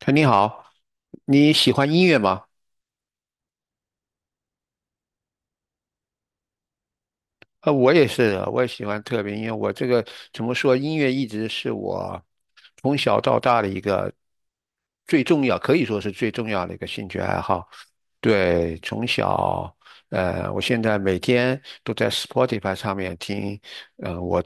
哎，你好，你喜欢音乐吗？我也是的，我也喜欢特别音乐。我这个怎么说，音乐一直是我从小到大的一个最重要，可以说是最重要的一个兴趣爱好。对，从小，我现在每天都在 Spotify 上面听，我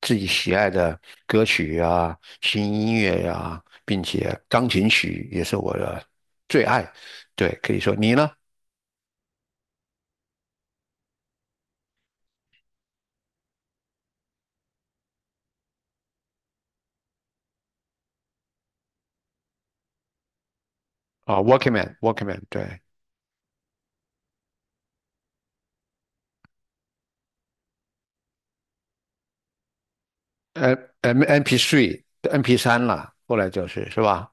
自己喜爱的歌曲啊，新音乐呀、并且钢琴曲也是我的最爱。对，可以说你呢？啊，Walkman，Walkman，对，M M M P t h MP3了，后来就是，是吧？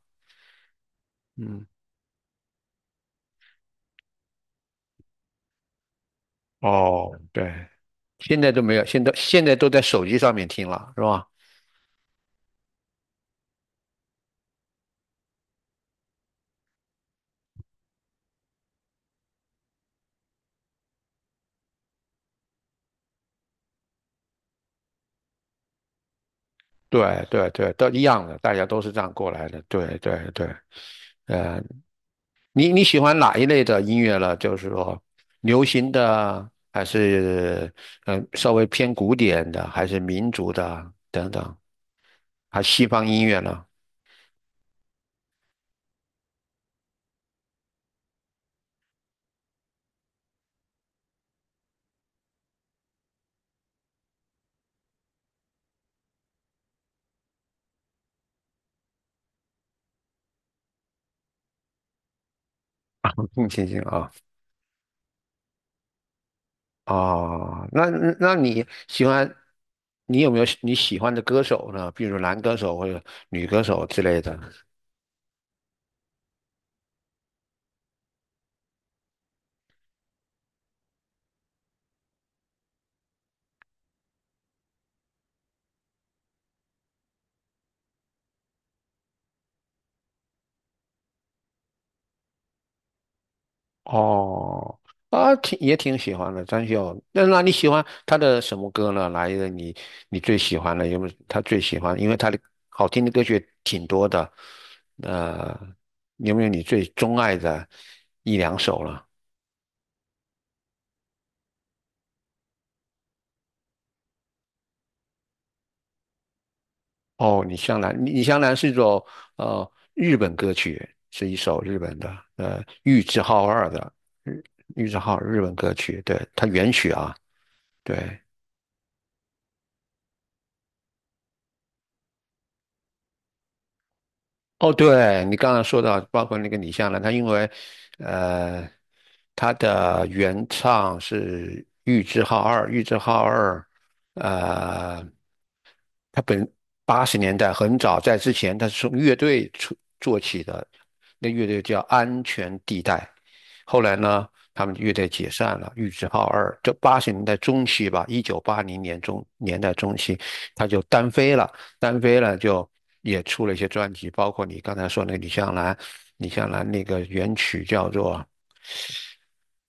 嗯，哦，对，现在都没有，现在都在手机上面听了，是吧？对对对，都一样的，大家都是这样过来的。对对对，呃，你喜欢哪一类的音乐了？就是说，流行的，还是嗯，稍微偏古典的，还是民族的等等，还西方音乐呢？更清醒啊。哦，那你喜欢，你有没有你喜欢的歌手呢？比如男歌手或者女歌手之类的。哦，啊，挺也挺喜欢的，张学友。那你喜欢他的什么歌呢？来一个你最喜欢的有没有？他最喜欢，因为他的好听的歌曲挺多的。呃，有没有你最钟爱的一两首了？哦，李香兰，李香兰是一首日本歌曲，是一首日本的玉置浩二的日玉置浩二日本歌曲，对，它原曲啊，对，哦，对你刚刚说到，包括那个李香兰，她因为呃她的原唱是玉置浩二，玉置浩二呃他本八十年代很早，在之前他是从乐队出做起的，那乐队叫安全地带。后来呢，他们乐队解散了，玉置浩二。就八十年代中期吧，一九八零年中年代中期，他就单飞了，单飞了，也出了一些专辑，包括你刚才说那个李香兰，李香兰那个原曲叫做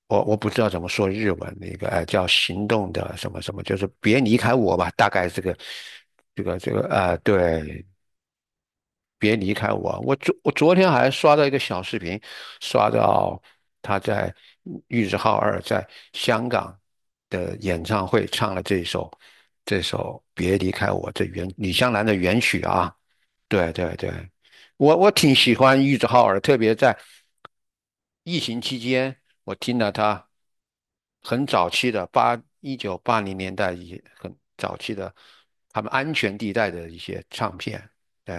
我不知道怎么说日文，那个叫行动的什么什么，就是别离开我吧，大概这个，对，别离开我。我昨天还刷到一个小视频，刷到他在玉置浩二在香港的演唱会唱了这首《别离开我》这原李香兰的原曲啊，对对对，我挺喜欢玉置浩二，特别在疫情期间，我听了他很早期的八一九八零年代一些很早期的他们安全地带的一些唱片，对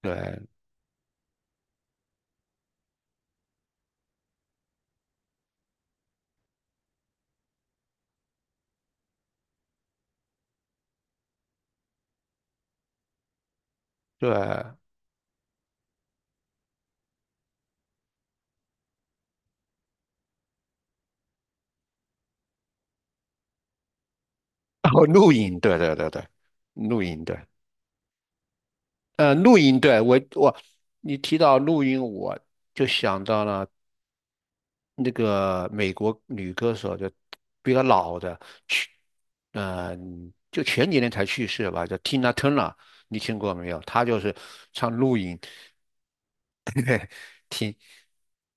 对对，哦，录音，对对对对，录音对，录音对我你提到录音，我就想到了那个美国女歌手，就比较老的，去，呃，就前几年才去世吧，叫 Tina Turner，你听过没有？她就是唱《录音》，听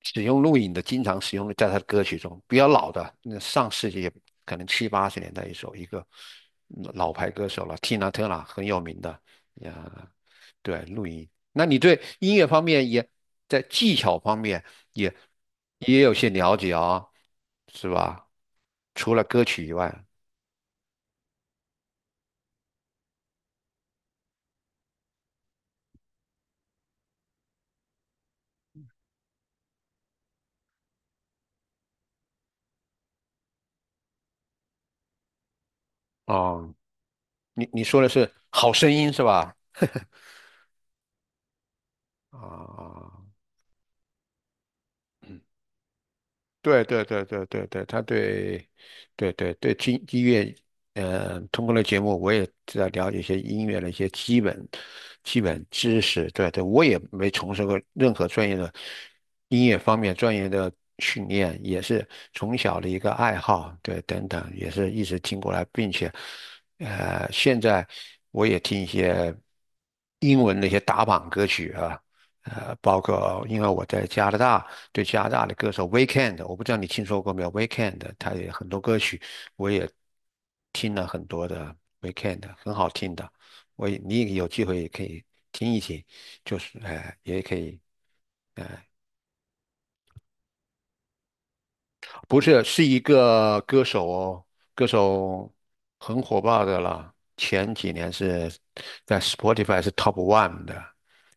使用录影的，经常使用的，在他的歌曲中，比较老的，那上世纪可能七八十年代一首一个嗯老牌歌手了，Tina Turner 很有名的，呀，对，录音。那你对音乐方面也在技巧方面也也有些了解啊、是吧？除了歌曲以外，哦，你说的是好声音是吧？啊、对对对对对对，他对，对对对，听音乐，嗯，通过了节目，我也知道了解一些音乐的一些基本知识。对对，我也没从事过任何专业的音乐方面专业的训练，也是从小的一个爱好，对，等等，也是一直听过来，并且，现在我也听一些英文的一些打榜歌曲啊。包括因为我在加拿大，对加拿大的歌手 Weekend，我不知道你听说过没有？Weekend，他也很多歌曲，我也听了很多的 Weekend，很好听的。我也你也有机会也可以听一听，就是也可以不是，是一个歌手哦，歌手很火爆的了。前几年是在 Spotify 是 Top One 的，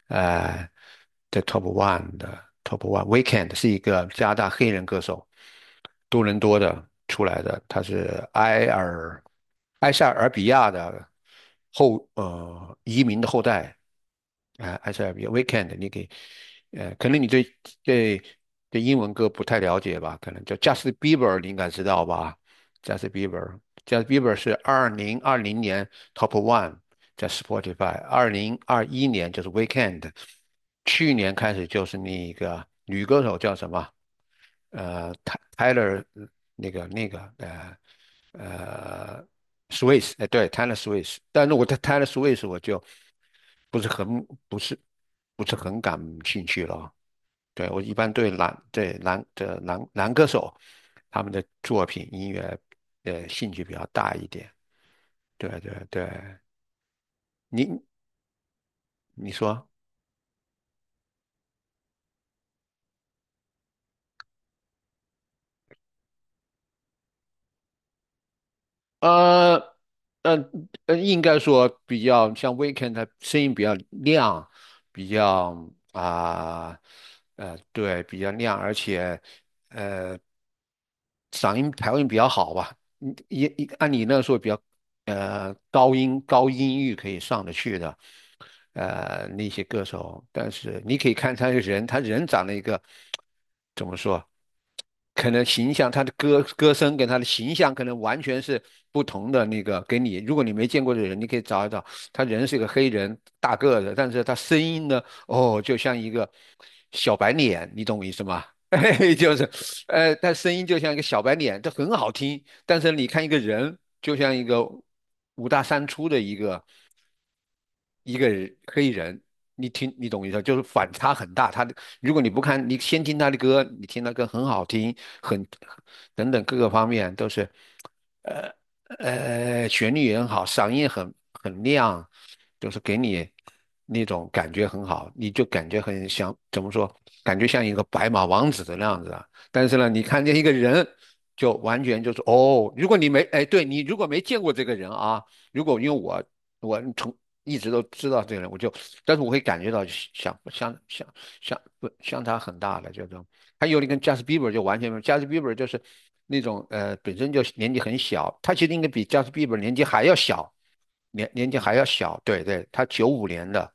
呃，在 Top One 的 Top One Weekend 是一个加拿大黑人歌手，多伦多的出来的，他是埃尔埃塞俄比亚的后移民的后代，啊、SRV Weekend，你给可能你对对对英文歌不太了解吧？可能叫 Justin Bieber，你应该知道吧？Justin Bieber，Justin Bieber 是2020年 Top One 在 Spotify，2021年就是 Weekend，去年开始就是那个女歌手叫什么？T y y l e r 那个那个呃。Swiss，哎，对，Taylor Swift，但如果他 Taylor Swift，我就不是很不是不是很感兴趣了啊。对，我一般对男的歌手他们的作品音乐兴趣比较大一点。对对对，你你说呃呃应该说比较像 Weekend，他声音比较亮，比较啊对，比较亮，而且。呃。嗓音调音比较好吧，你也按你那个说比较高音域可以上得去的，那些歌手，但是你可以看他这个人，他人长了一个怎么说？可能形象，他的歌声跟他的形象可能完全是不同的那个。给你，如果你没见过的人，你可以找一找，他人是一个黑人，大个子，但是他声音呢，哦，就像一个小白脸，你懂我意思吗？嘿就是，他声音就像一个小白脸，这很好听。但是你看一个人，就像一个五大三粗的一个人黑人，你听你懂意思，就是反差很大。他的如果你不看，你先听他的歌，你听他歌很好听，很等等各个方面都是，呃旋律也很好，嗓音很亮，就是给你那种感觉很好，你就感觉很像怎么说，感觉像一个白马王子的那样子啊。但是呢，你看见一个人，就完全就是哦，如果你没哎，对你如果没见过这个人啊。如果因为我我从一直都知道这个人，我就，但是我会感觉到相相相相不相差很大的这种。还有你跟 Justin Bieber 就完全没有，Justin Bieber 就是那种本身就年纪很小，他其实应该比 Justin Bieber 年纪还要小，年纪还要小。对对，他九五年的，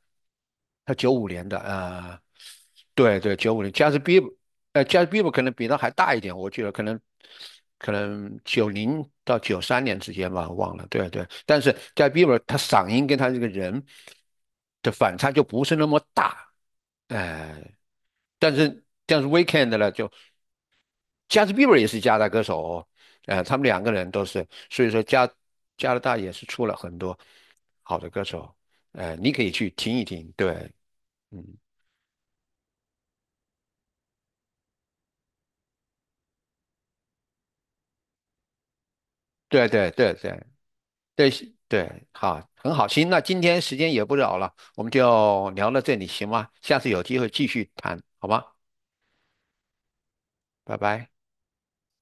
他九五年的，呃，对对，九五年，Justin Bieber j a z n Bieber 可能比他还大一点，我记得可能90到93年之间吧，忘了。对啊对啊，但是 j a z n Bieber 他嗓音跟他这个人的反差就不是那么大，哎、但是 Weekend 呢，就 j a z n Bieber 也是加拿大歌手哦，他们两个人都是，所以说加拿大也是出了很多好的歌手，你可以去听一听，对，嗯，对啊对啊对啊对。对对，好，很好，行，那今天时间也不早了，我们就聊到这里，行吗？下次有机会继续谈，好吗？拜拜。